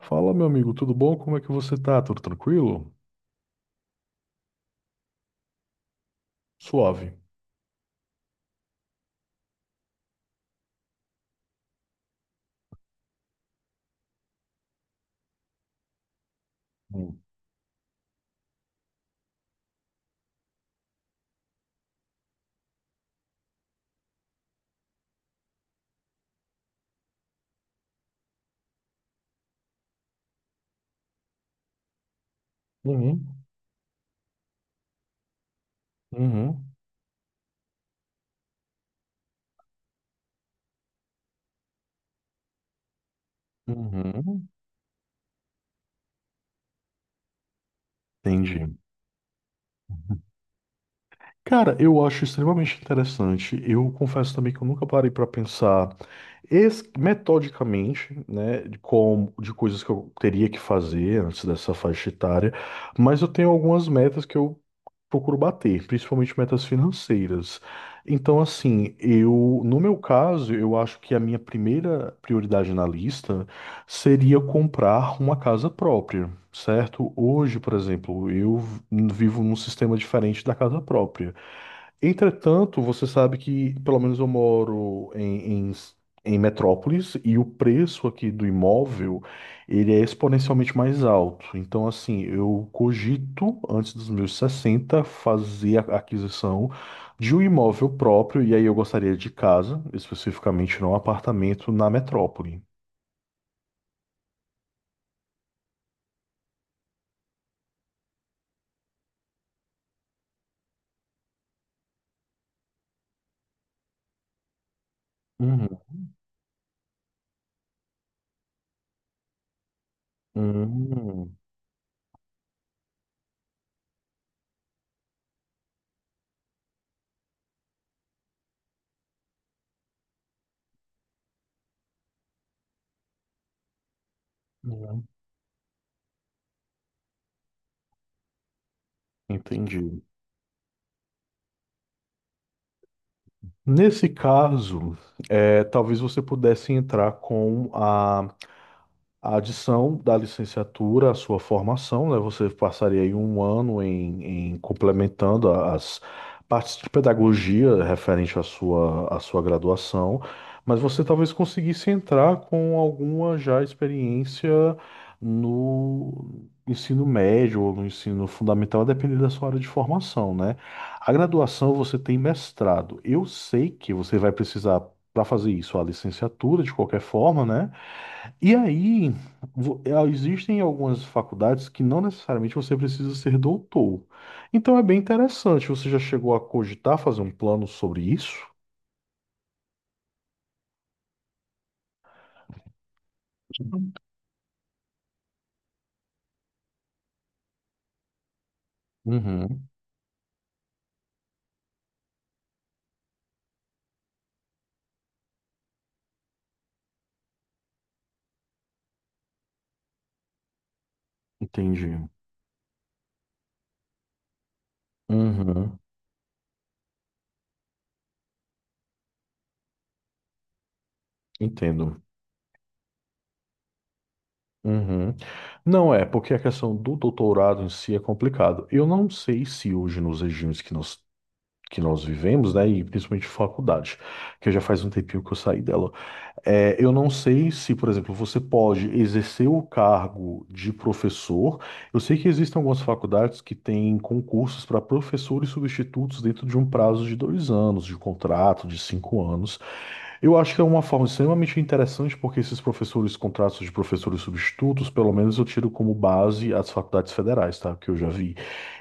Fala, meu amigo, tudo bom? Como é que você tá? Tudo tranquilo? Suave. Hum. Uhum. Uhum. Uhum. Entendi. Cara, eu acho extremamente interessante. Eu confesso também que eu nunca parei para pensar metodicamente, né, de como de coisas que eu teria que fazer antes dessa faixa etária, mas eu tenho algumas metas que eu procuro bater, principalmente metas financeiras. Então, assim, eu, no meu caso, eu acho que a minha primeira prioridade na lista seria comprar uma casa própria, certo? Hoje, por exemplo, eu vivo num sistema diferente da casa própria. Entretanto, você sabe que, pelo menos eu moro em metrópolis, e o preço aqui do imóvel, ele é exponencialmente mais alto. Então, assim, eu cogito, antes dos meus 60, fazer a aquisição de um imóvel próprio, e aí eu gostaria de casa, especificamente não apartamento na metrópole. Uhum. Hum, uhum. Entendi. Nesse caso, é, talvez você pudesse entrar com a adição da licenciatura à sua formação, né? Você passaria aí um ano em complementando as partes de pedagogia referente à sua graduação, mas você talvez conseguisse entrar com alguma já experiência no ensino médio ou no ensino fundamental, a depender da sua área de formação, né? A graduação você tem mestrado. Eu sei que você vai precisar, para fazer isso, a licenciatura de qualquer forma, né? E aí, é, existem algumas faculdades que não necessariamente você precisa ser doutor. Então é bem interessante. Você já chegou a cogitar fazer um plano sobre isso? Uhum, entendi. Uhum, entendo. Uhum. Não é, porque a questão do doutorado em si é complicado. Eu não sei se hoje nos regimes que nós vivemos, né, e principalmente faculdade, que já faz um tempinho que eu saí dela, é, eu não sei se, por exemplo, você pode exercer o cargo de professor. Eu sei que existem algumas faculdades que têm concursos para professores substitutos dentro de um prazo de 2 anos, de contrato, de 5 anos. Eu acho que é uma forma extremamente interessante, porque esses professores, contratos de professores substitutos, pelo menos eu tiro como base as faculdades federais, tá? Que eu já vi.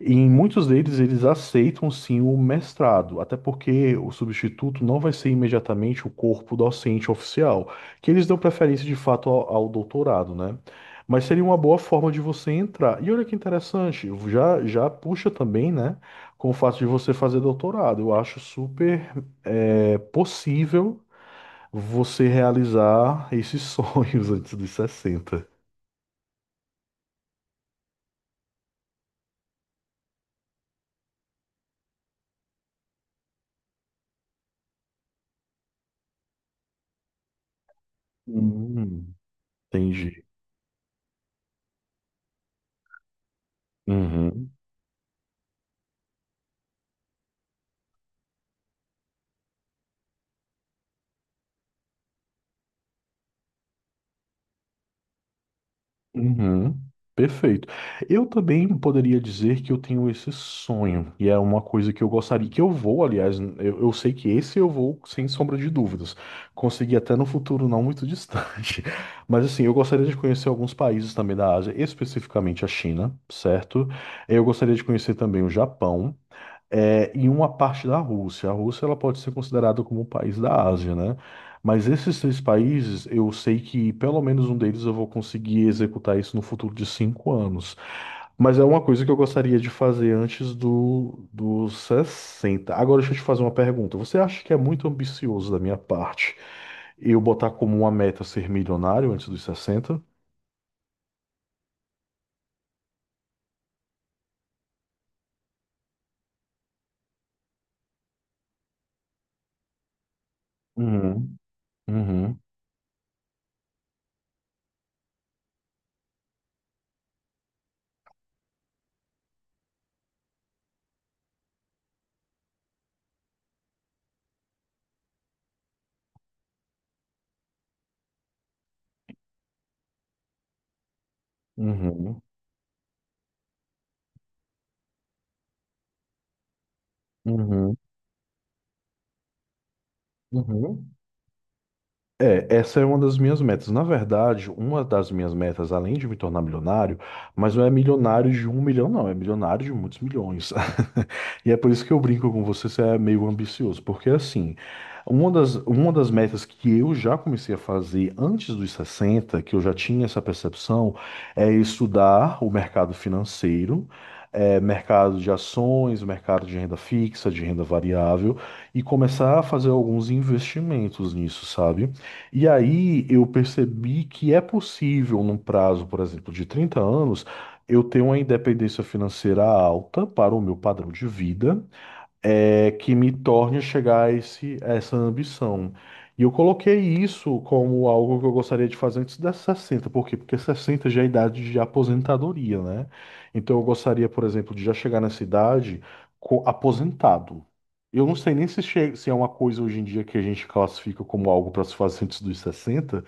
E em muitos deles, eles aceitam sim o mestrado, até porque o substituto não vai ser imediatamente o corpo docente oficial, que eles dão preferência de fato ao doutorado, né? Mas seria uma boa forma de você entrar. E olha que interessante, já puxa também, né? Com o fato de você fazer doutorado. Eu acho super é, possível você realizar esses sonhos antes dos 60. Hum, Entendi. Uhum, uhum. Perfeito. Eu também poderia dizer que eu tenho esse sonho, e é uma coisa que eu gostaria, que eu vou, aliás, eu sei que esse eu vou, sem sombra de dúvidas, conseguir até no futuro não muito distante. Mas assim, eu gostaria de conhecer alguns países também da Ásia, especificamente a China, certo? Eu gostaria de conhecer também o Japão. É, em uma parte da Rússia. A Rússia ela pode ser considerada como um país da Ásia, né? Mas esses três países, eu sei que pelo menos um deles eu vou conseguir executar isso no futuro de 5 anos. Mas é uma coisa que eu gostaria de fazer antes dos 60. Agora deixa eu te fazer uma pergunta. Você acha que é muito ambicioso da minha parte eu botar como uma meta ser milionário antes dos 60? Uhum, uhum, uhum, uhum, uhum. É, essa é uma das minhas metas. Na verdade, uma das minhas metas, além de me tornar milionário, mas não é milionário de 1 milhão, não, é milionário de muitos milhões. E é por isso que eu brinco com você, você é meio ambicioso, porque assim, uma das metas que eu já comecei a fazer antes dos 60, que eu já tinha essa percepção, é estudar o mercado financeiro. É, mercado de ações, mercado de renda fixa, de renda variável, e começar a fazer alguns investimentos nisso, sabe? E aí eu percebi que é possível, num prazo, por exemplo, de 30 anos, eu ter uma independência financeira alta para o meu padrão de vida é, que me torne a chegar a esse, a essa ambição. E eu coloquei isso como algo que eu gostaria de fazer antes das 60 por quê? Porque 60 já é a idade de aposentadoria, né? Então eu gostaria, por exemplo, de já chegar nessa idade aposentado. Eu não sei nem se, se é uma coisa hoje em dia que a gente classifica como algo para se fazer antes dos 60,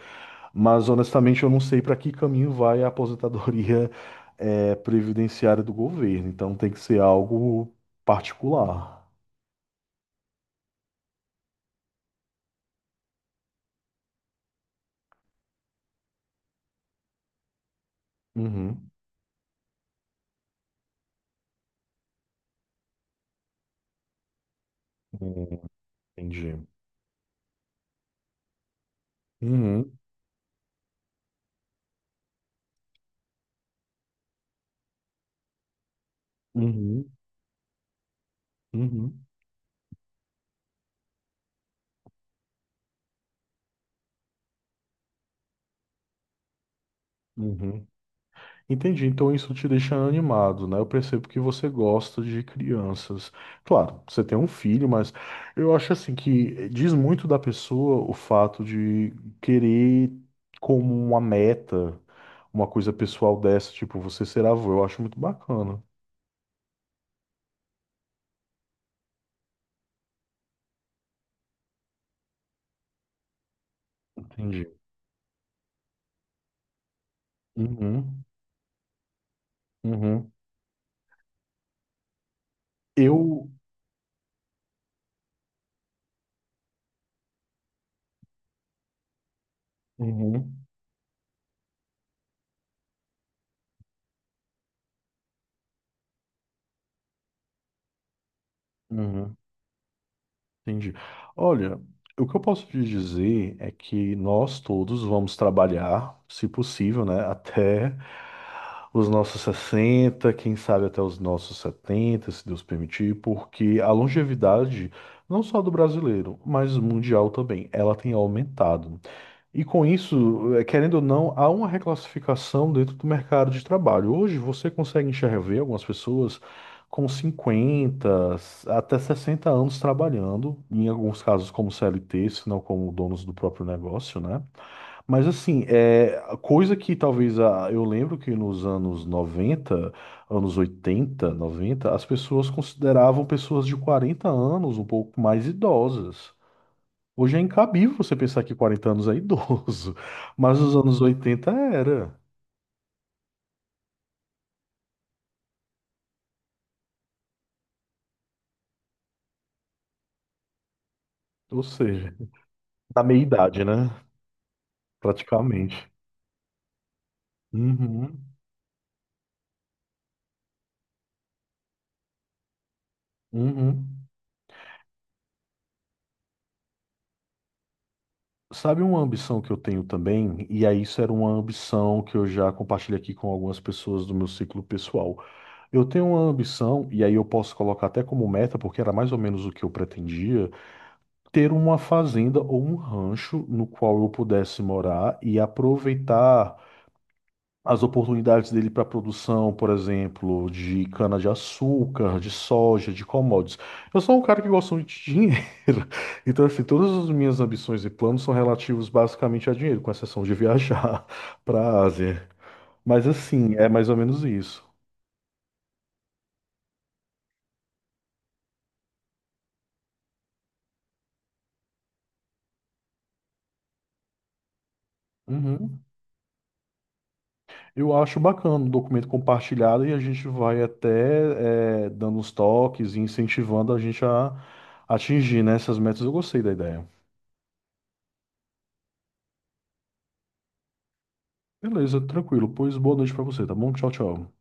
mas honestamente eu não sei para que caminho vai a aposentadoria previdenciária do governo. Então tem que ser algo particular. Uhum. Hum, entendi. Uhum. Uhum. Uhum. Uhum. Entendi. Então isso te deixa animado, né? Eu percebo que você gosta de crianças. Claro, você tem um filho, mas eu acho assim que diz muito da pessoa o fato de querer como uma meta, uma coisa pessoal dessa, tipo, você ser avô. Eu acho muito bacana. Entendi. Uhum. Uhum. Eu. Uhum. Uhum. Entendi. Olha, o que eu posso te dizer é que nós todos vamos trabalhar, se possível, né, até os nossos 60, quem sabe até os nossos 70, se Deus permitir, porque a longevidade, não só do brasileiro, mas mundial também, ela tem aumentado. E com isso, querendo ou não, há uma reclassificação dentro do mercado de trabalho. Hoje você consegue enxergar algumas pessoas com 50 até 60 anos trabalhando, em alguns casos como CLT, se não como donos do próprio negócio, né? Mas assim, é coisa que talvez a eu lembro que nos anos 90, anos 80, 90, as pessoas consideravam pessoas de 40 anos um pouco mais idosas. Hoje é incabível você pensar que 40 anos é idoso, mas nos anos 80 era. Ou seja, na meia-idade, né? Praticamente. Uhum, uhum. Sabe uma ambição que eu tenho também? E aí isso era uma ambição que eu já compartilho aqui com algumas pessoas do meu ciclo pessoal. Eu tenho uma ambição, e aí eu posso colocar até como meta, porque era mais ou menos o que eu pretendia, ter uma fazenda ou um rancho no qual eu pudesse morar e aproveitar as oportunidades dele para produção, por exemplo, de cana-de-açúcar, de soja, de commodities. Eu sou um cara que gosta muito de dinheiro. Então, assim, todas as minhas ambições e planos são relativos basicamente a dinheiro, com exceção de viajar para a Ásia. Mas, assim, é mais ou menos isso. Uhum. Eu acho bacana o documento compartilhado e a gente vai até dando uns toques e incentivando a gente a atingir, né, essas metas. Eu gostei da ideia. Beleza, tranquilo. Pois boa noite para você, tá bom? Tchau, tchau.